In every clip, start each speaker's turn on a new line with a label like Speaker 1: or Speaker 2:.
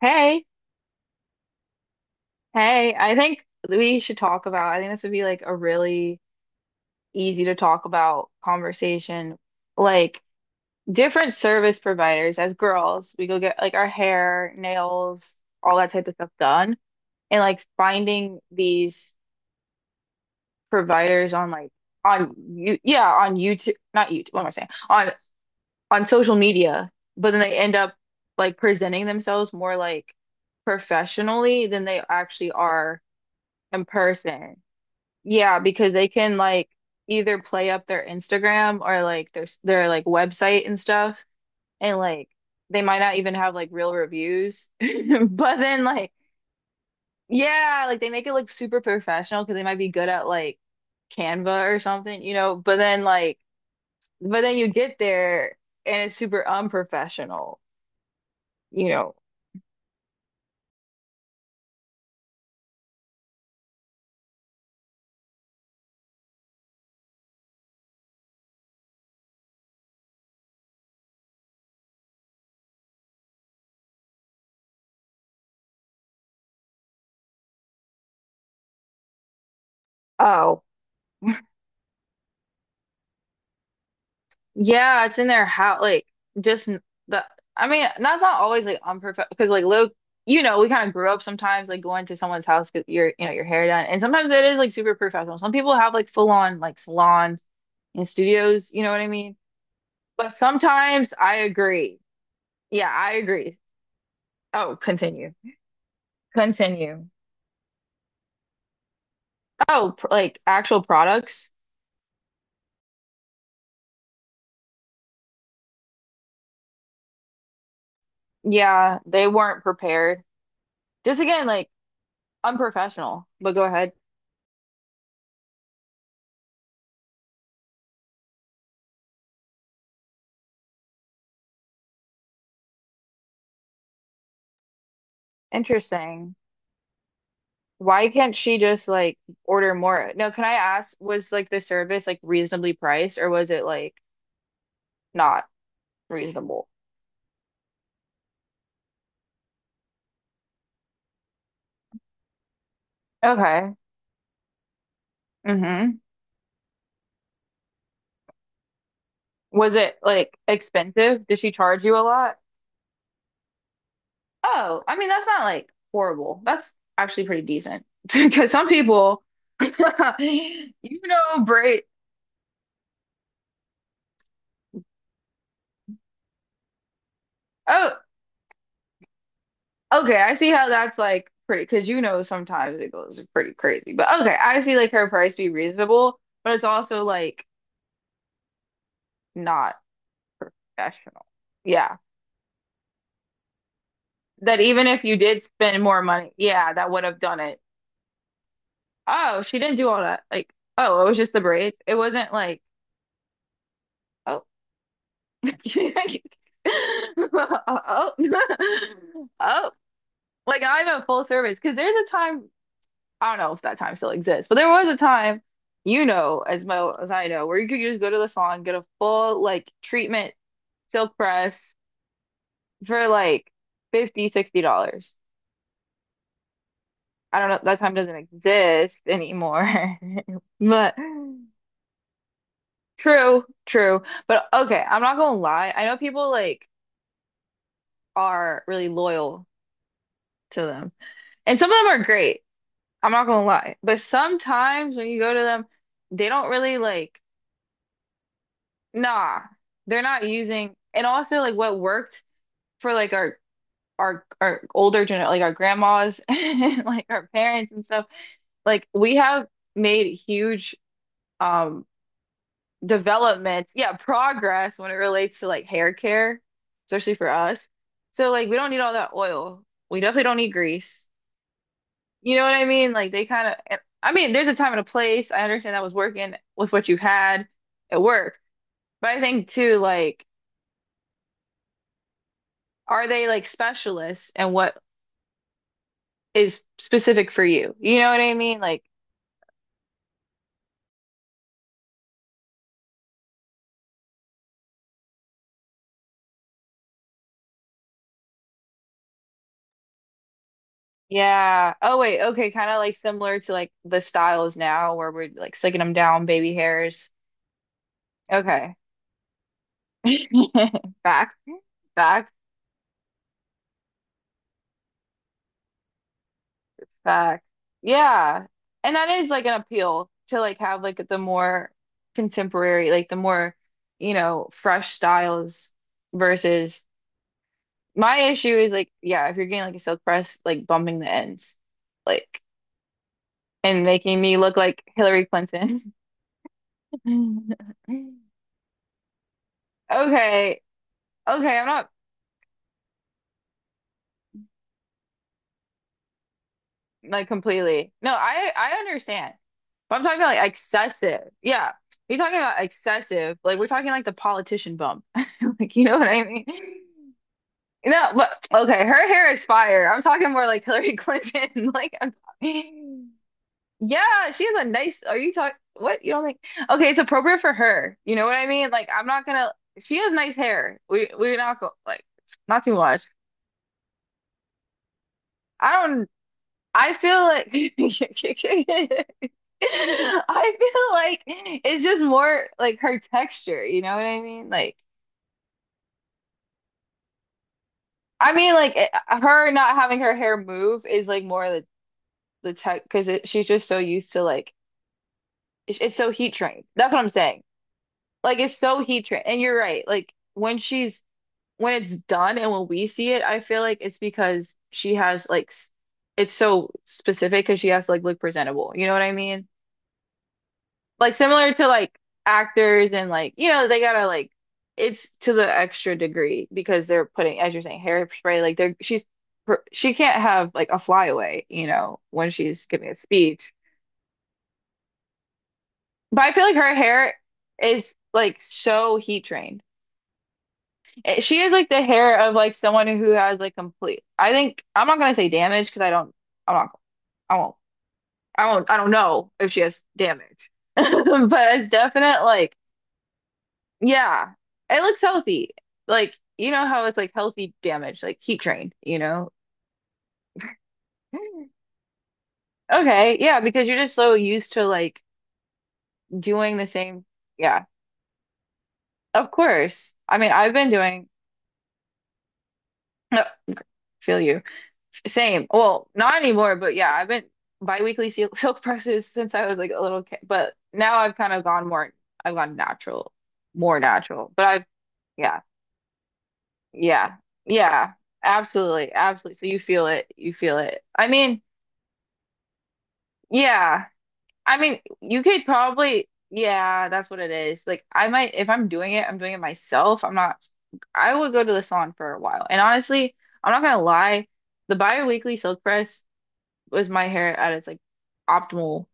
Speaker 1: Hey, hey, I think we should talk about, I think this would be like a really easy to talk about conversation. Like different service providers. As girls, we go get like our hair, nails, all that type of stuff done. And like finding these providers on like on you yeah, on YouTube, not YouTube, what am I saying? On social media, but then they end up like presenting themselves more like professionally than they actually are in person. Yeah, because they can like either play up their Instagram or like their like website and stuff, and like they might not even have like real reviews. But then like yeah, like they make it look super professional because they might be good at like Canva or something. But then like but then you get there and it's super unprofessional, you know. Oh, yeah, it's in their house. Like just n- the. I mean, that's not always like unperfect because like Luke, you know, we kind of grew up sometimes like going to someone's house because your you know your hair done, and sometimes it is like super professional. Some people have like full on like salons and studios. You know what I mean? But sometimes I agree. Yeah, I agree. Oh, continue. Continue. Oh, pr like actual products. Yeah, they weren't prepared. Just again, like unprofessional. But go ahead. Interesting. Why can't she just like order more? No, can I ask, was like the service like reasonably priced or was it like not reasonable? Okay. Mm-hmm. Was it like expensive? Did she charge you a lot? Oh, I mean, that's not like horrible. That's actually pretty decent. Because some people, you know, break. Oh, okay. I see how that's like pretty, because you know, sometimes it goes pretty crazy. But okay, I see like her price be reasonable, but it's also like not professional. Yeah. That even if you did spend more money, yeah, that would have done it. Oh, she didn't do all that. Like, oh, it was just the braids. It wasn't like, oh, oh, oh, like not even full service. Because there's a time, I don't know if that time still exists, but there was a time, you know, as well as I know, where you could just go to the salon, get a full like treatment, silk press for like 50, $60. I don't know, that time doesn't exist anymore. But true, true. But okay, I'm not gonna lie. I know people like are really loyal to them. And some of them are great. I'm not gonna lie. But sometimes when you go to them, they don't really like, nah, they're not using and also like what worked for like our older gener like our grandmas and like our parents and stuff, like we have made huge um developments, yeah, progress when it relates to like hair care, especially for us. So like we don't need all that oil. We definitely don't need grease. You know what I mean? Like they kind of, I mean, there's a time and a place. I understand that was working with what you had. It worked. But I think too, like, are they like specialists and what is specific for you? You know what I mean? Like, yeah. Oh wait, okay, kind of like similar to like the styles now where we're like slicking them down, baby hairs. Okay. Facts, facts, facts. Yeah. And that is like an appeal to like have like the more contemporary, like the more, you know, fresh styles versus my issue is like, yeah, if you're getting like a silk press, like bumping the ends, like and making me look like Hillary Clinton. Okay. Okay, I'm not like completely. No, I understand. But I'm talking about like excessive. Yeah. You're talking about excessive. Like we're talking like the politician bump. Like you know what I mean? No, but okay, her hair is fire. I'm talking more like Hillary Clinton. Like I'm, yeah, she has a nice are you talking what? You don't think okay, it's appropriate for her. You know what I mean? Like I'm not gonna she has nice hair. We we're not go like not too much. I don't I feel like I feel like it's just more like her texture, you know what I mean? Like, I mean, like it, her not having her hair move is like more the tech because she's just so used to like it's so heat trained. That's what I'm saying. Like, it's so heat trained, and you're right. Like when she's when it's done and when we see it, I feel like it's because she has like s- it's so specific because she has to like look presentable. You know what I mean? Like similar to like actors and like you know they gotta like it's to the extra degree because they're putting as you're saying hairspray like they're she's her- she can't have like a flyaway you know when she's giving a speech but I feel like her hair is like so heat trained. It- she is like the hair of like someone who has like complete I think I'm not gonna say damage because I don't I'm not I won't I won't I don't know if she has damage but it's definite like yeah, it looks healthy. Like, you know how it's like healthy damage, like heat trained, you know? Okay, yeah, because you're just so used to like doing the same. Yeah, of course. I mean, I've been doing, feel you. Same. Well, not anymore, but yeah, I've been biweekly silk, silk presses since I was like a little kid. But now I've kind of gone more, I've gone natural, more natural. But I've, yeah, yeah, yeah, absolutely, absolutely. So you feel it, you feel it. I mean, yeah. I mean, you could probably, yeah, that's what it is. Like, I might, if I'm doing it, I'm doing it myself. I'm not, I would go to the salon for a while. And honestly, I'm not gonna lie, the bi-weekly silk press was my hair at its like optimal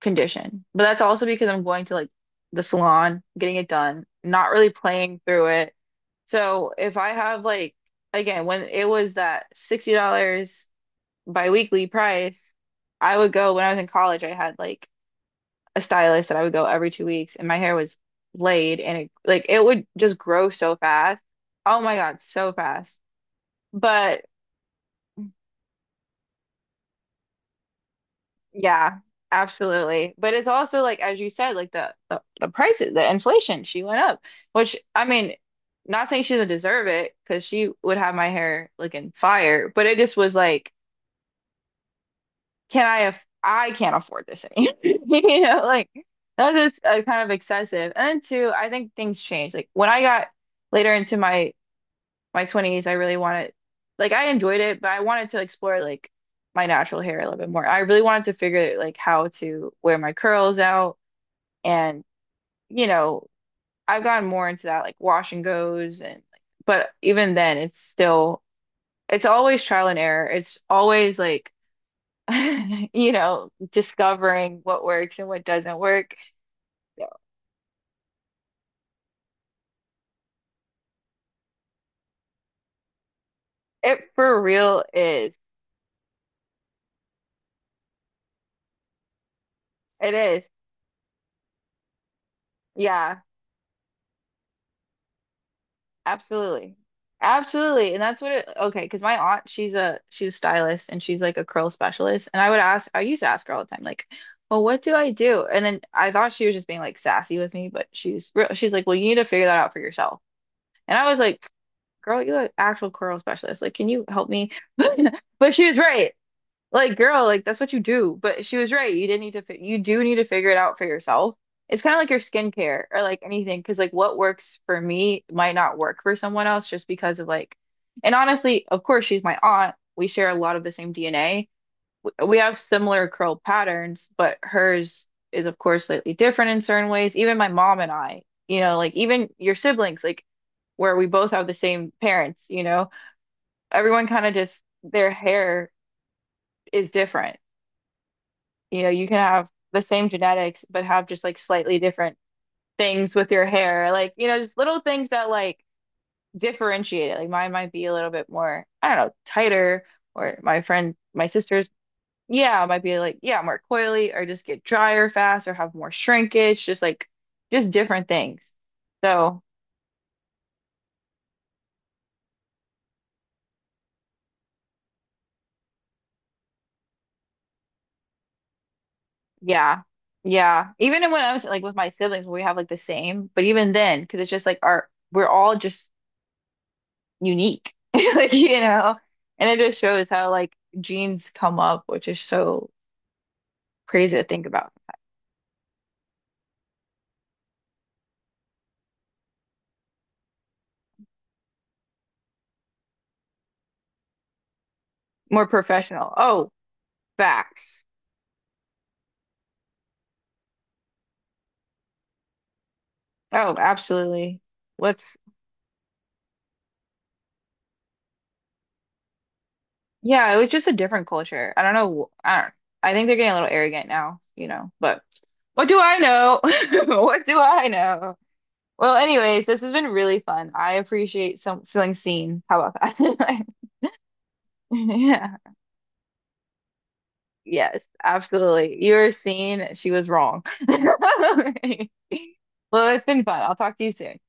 Speaker 1: condition. But that's also because I'm going to like the salon, getting it done, not really playing through it. So if I have like, again, when it was that $60 bi-weekly price, I would go when I was in college, I had like a stylist that I would go every 2 weeks, and my hair was laid, and it like it would just grow so fast. Oh my God, so fast. But yeah, absolutely. But it's also like as you said, like the prices, the inflation, she went up, which I mean, not saying she doesn't deserve it because she would have my hair looking fire, but it just was like, can I aff I can't afford this anymore. You know, like that was just kind of excessive. And then two, I think things changed. Like when I got later into my 20s, I really wanted, like, I enjoyed it, but I wanted to explore, like, my natural hair a little bit more. I really wanted to figure, like, how to wear my curls out. And, you know, I've gotten more into that, like, wash and goes. And, but even then, it's still, it's always trial and error. It's always, like, you know, discovering what works and what doesn't work. So it for real is, it is. Yeah. Absolutely. Absolutely. And that's what it, okay, because my aunt, she's a stylist and she's like a curl specialist. And I would ask, I used to ask her all the time, like, well, what do I do? And then I thought she was just being like sassy with me, but she's real, she's like, well, you need to figure that out for yourself. And I was like, girl, you're an actual curl specialist. Like, can you help me? But she was right. Like, girl, like that's what you do. But she was right. You didn't need to fi you do need to figure it out for yourself. It's kind of like your skincare or like anything, because like what works for me might not work for someone else just because of like, and honestly, of course, she's my aunt. We share a lot of the same DNA. We have similar curl patterns, but hers is of course slightly different in certain ways. Even my mom and I, you know, like even your siblings, like where we both have the same parents, you know, everyone kind of just their hair is different. You know, you can have the same genetics, but have just like slightly different things with your hair. Like, you know, just little things that like differentiate it. Like mine might be a little bit more, I don't know, tighter, or my friend, my sister's, yeah, might be like, yeah, more coily, or just get drier fast, or have more shrinkage, just like, just different things. So, yeah. Yeah, even when I was like with my siblings, we have like the same, but even then, because it's just like our we're all just unique. Like, you know, and it just shows how like genes come up, which is so crazy to think about. More professional. Oh, facts. Oh, absolutely. What's yeah, it was just a different culture. I don't know. I don't, I think they're getting a little arrogant now, you know, but what do I know? What do I know? Well, anyways, this has been really fun. I appreciate some feeling seen. How about that? Yeah. Yes, absolutely. You were seen. She was wrong. Well, it's been fun. I'll talk to you soon.